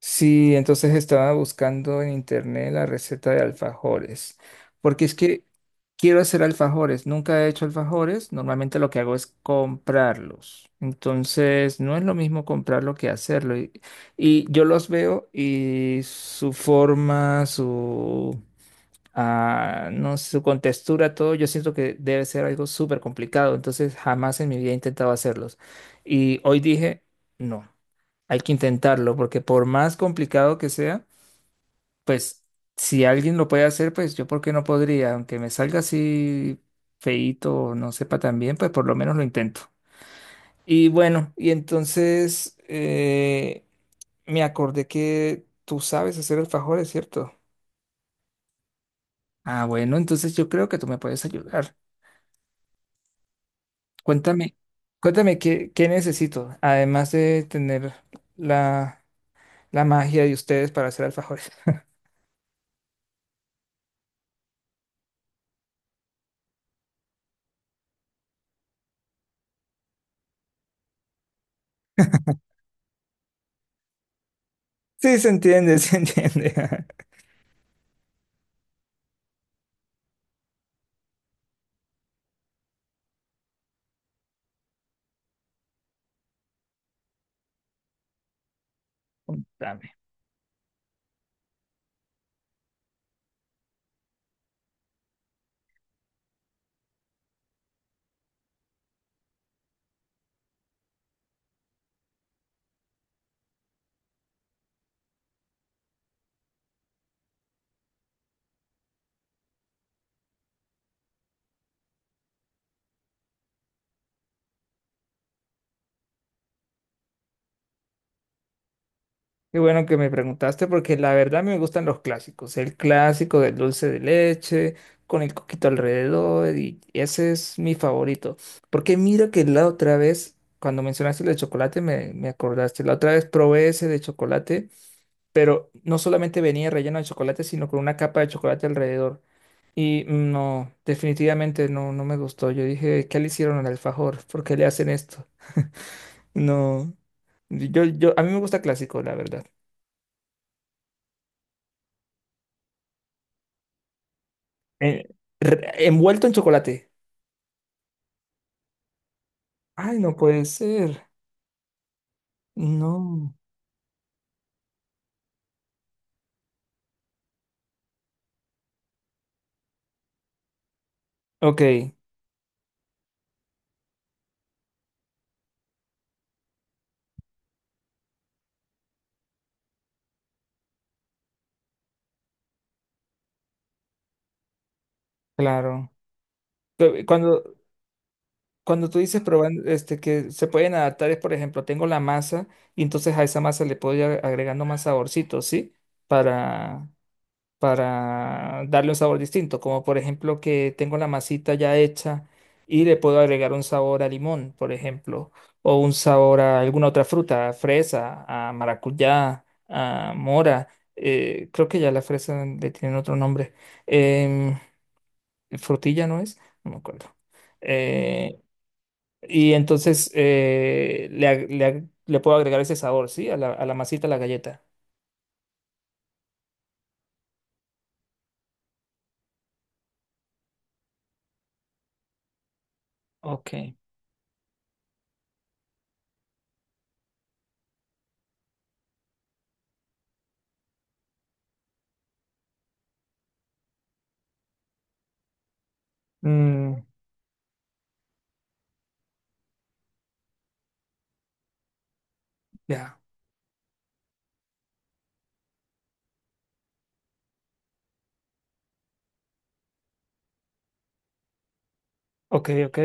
Sí, entonces estaba buscando en internet la receta de alfajores, porque es que quiero hacer alfajores, nunca he hecho alfajores, normalmente lo que hago es comprarlos, entonces no es lo mismo comprarlo que hacerlo, y yo los veo y su forma, no sé, su contextura, todo, yo siento que debe ser algo súper complicado, entonces jamás en mi vida he intentado hacerlos, y hoy dije, no hay que intentarlo, porque por más complicado que sea, pues si alguien lo puede hacer, pues yo por qué no podría, aunque me salga así feíto o no sepa tan bien, pues por lo menos lo intento. Y bueno, y entonces me acordé que tú sabes hacer alfajores, ¿cierto? Ah, bueno, entonces yo creo que tú me puedes ayudar. Cuéntame, cuéntame, qué necesito, además de tener la, la magia de ustedes para hacer alfajores. Sí, se entiende, se entiende. Contame. Qué bueno que me preguntaste porque la verdad me gustan los clásicos. El clásico del dulce de leche con el coquito alrededor y ese es mi favorito. Porque mira que la otra vez, cuando mencionaste el de chocolate, me acordaste. La otra vez probé ese de chocolate, pero no solamente venía relleno de chocolate, sino con una capa de chocolate alrededor. Y no, definitivamente no me gustó. Yo dije, ¿qué le hicieron al alfajor? ¿Por qué le hacen esto? No. A mí me gusta clásico, la verdad. Eh, Envuelto en chocolate. Ay, no puede ser. No. Ok, claro. Cu- Cuando, cuando tú dices probando, que se pueden adaptar, es por ejemplo, tengo la masa y entonces a esa masa le puedo ir agregando más saborcito, ¿sí? Para, para darle un sabor distinto, como por ejemplo que tengo la masita ya hecha y le puedo agregar un sabor a limón, por ejemplo, o un sabor a alguna otra fruta, a fresa, a maracuyá, a mora, creo que ya la fresa le tienen otro nombre, em, frutilla no es, no me acuerdo. Eh, y entonces le puedo agregar ese sabor, ¿sí? A la masita, a la galleta. Ok. Mm, ya. Ok, ok.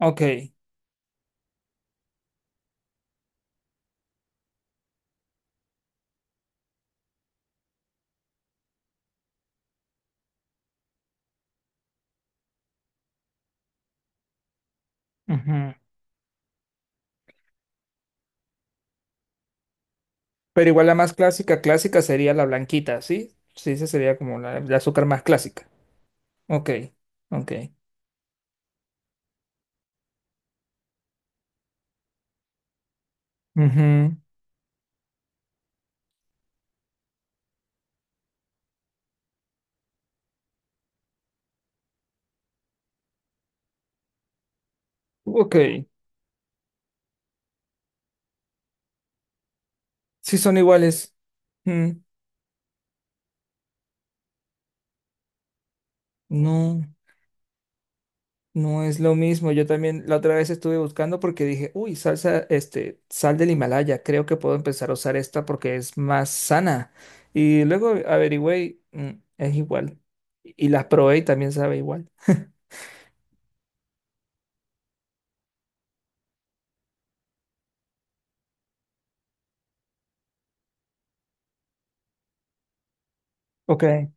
Ok. Ujú. Pero igual la más clásica, clásica sería la blanquita, ¿sí? Sí, esa sería como la, el azúcar más clásica. Ok, ok. Ujú. Ok, sí son iguales. Mm, No, no es lo mismo. Yo también la otra vez estuve buscando porque dije, uy, sal del Himalaya, creo que puedo empezar a usar esta porque es más sana. Y luego averigüé, y, es igual. Y las probé y también sabe igual. Ok.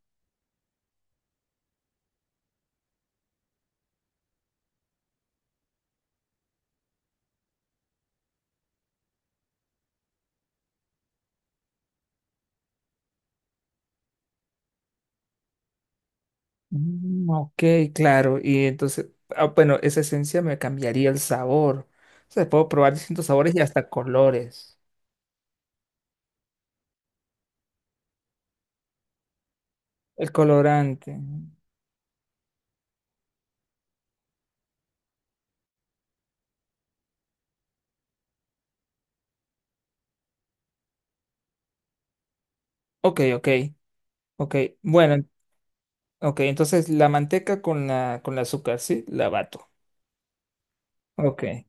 Mm, ok, claro. Y entonces, bueno, esa esencia me cambiaría el sabor. O sea, puedo probar distintos sabores y hasta colores. El colorante. Ok, ok, ok. Bueno, ok, entonces la manteca con la, con el azúcar, ¿sí? La bato. Ok.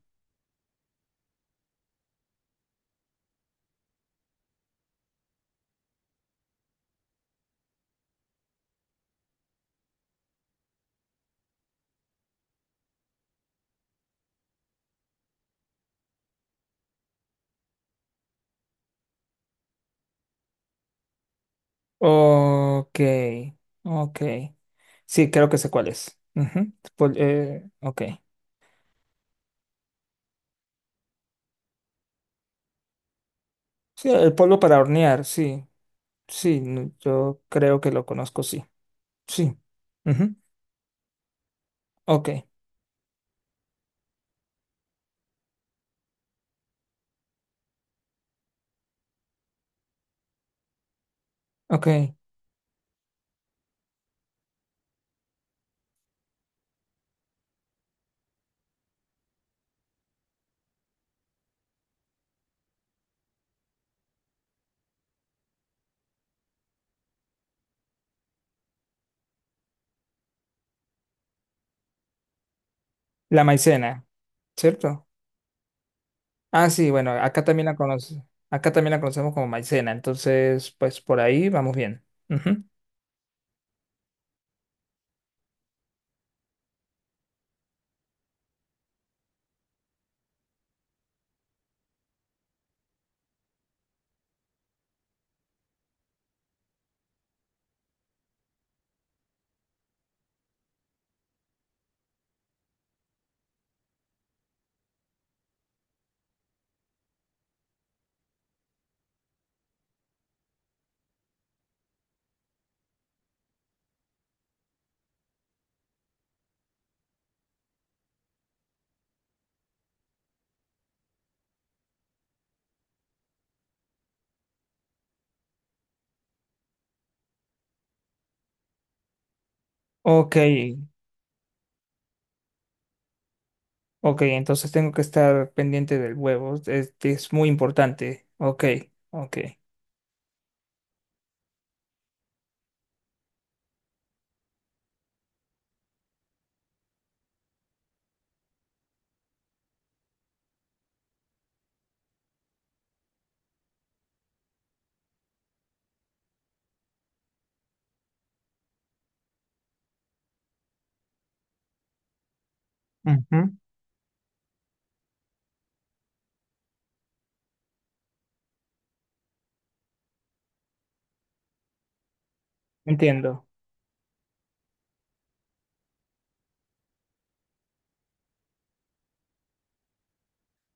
Ok, ok. Sí, creo que sé cuál es. Ujú. Ok. Sí, el polvo para hornear, sí. Sí, no, yo creo que lo conozco, sí. Sí. Ujú. Ok. Ok, la maicena, ¿cierto? Ah, sí, bueno, acá también la conocemos como maicena, entonces, pues por ahí vamos bien. Ujú. Ok, ok, entonces tengo que estar pendiente del huevo, es muy importante. Ok, ok. Ujú. Entiendo.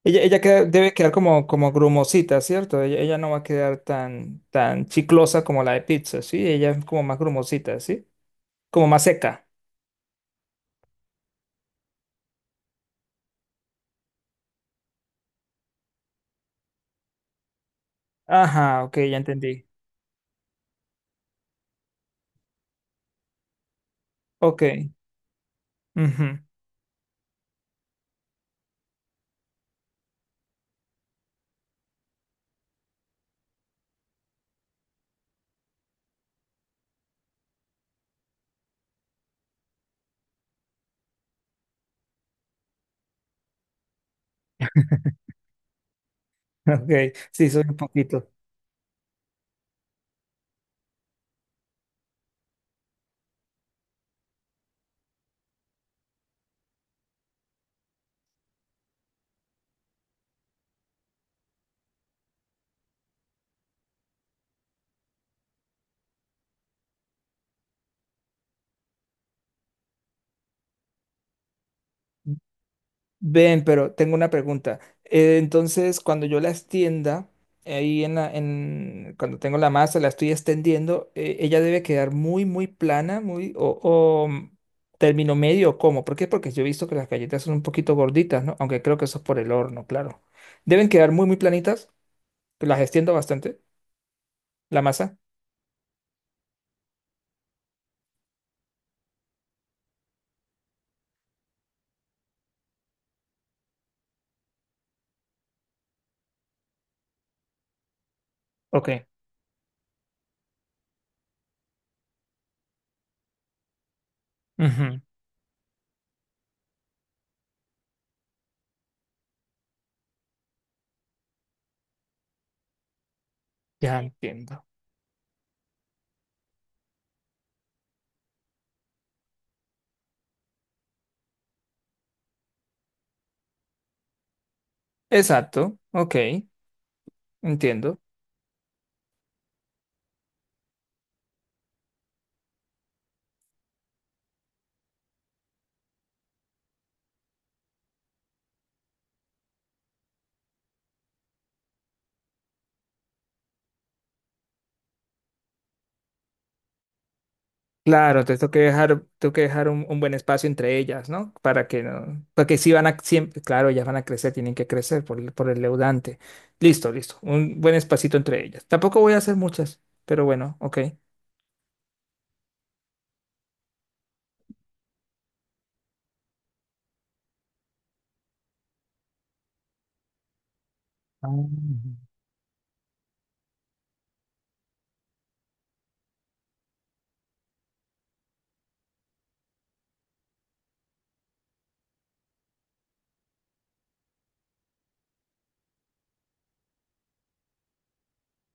Ella debe quedar como grumosita, ¿cierto? Ella no va a quedar tan, tan chiclosa como la de pizza, ¿sí? Ella es como más grumosita, ¿sí? Como más seca. Ajá, ok, ya entendí. Ok. Ujú. Ok, sí, soy un poquito. Ven, pero tengo una pregunta. Entonces, cuando yo la extienda, ahí cuando tengo la masa, la estoy extendiendo, ella debe quedar muy, muy plana, muy, o mm, término medio, o ¿cómo? ¿Por qué? Porque yo he visto que las galletas son un poquito gorditas, ¿no? Aunque creo que eso es por el horno, claro. Deben quedar muy, muy planitas, que las extiendo bastante, la masa. Ok. Ujú. Ya entiendo. Exacto, ok, entiendo. Claro, entonces tengo que dejar un buen espacio entre ellas, ¿no? Para que no, porque si van a siempre, claro, ellas van a crecer, tienen que crecer por el leudante. Listo, listo. Un buen espacito entre ellas. Tampoco voy a hacer muchas, pero bueno, ok.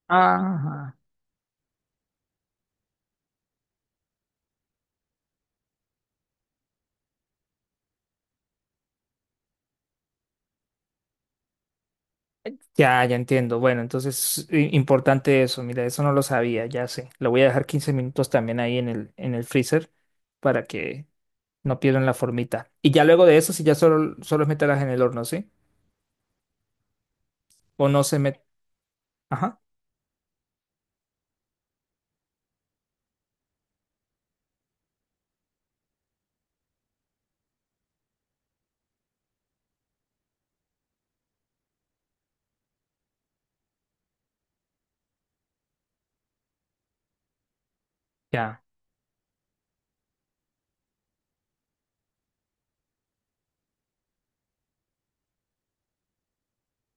Ajá. Ya, ya entiendo. Bueno, entonces importante eso. Mira, eso no lo sabía, ya sé. Lo voy a dejar 15 minutos también ahí en el freezer para que no pierdan la formita. Y ya luego de eso, si ya solo es meterlas en el horno, ¿sí? O no se met... Ya,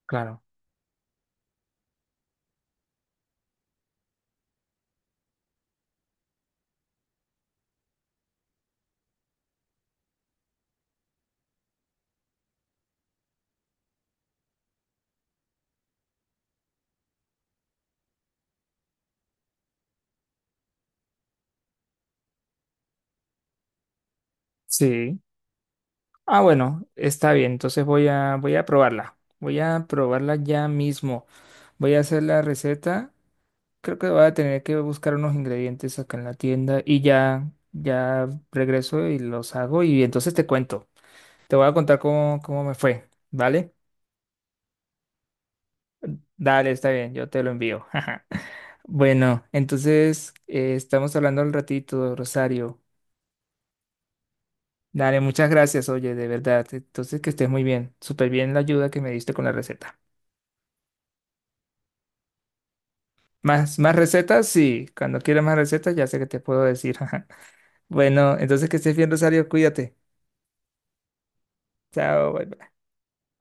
claro. Sí. Ah, bueno, está bien. Entonces voy a, probarla. Voy a probarla ya mismo. Voy a hacer la receta. Creo que voy a tener que buscar unos ingredientes acá en la tienda y ya, ya regreso y los hago y entonces te cuento. Te voy a contar cómo me fue, ¿vale? Dale, está bien, yo te lo envío. Bueno, entonces estamos hablando al ratito, Rosario. Dale, muchas gracias, oye, de verdad. Entonces, que estés muy bien. Súper bien la ayuda que me diste con la receta. Más, más recetas, sí. Cuando quieras más recetas, ya sé que te puedo decir. Bueno, entonces que estés bien, Rosario, cuídate. Chao.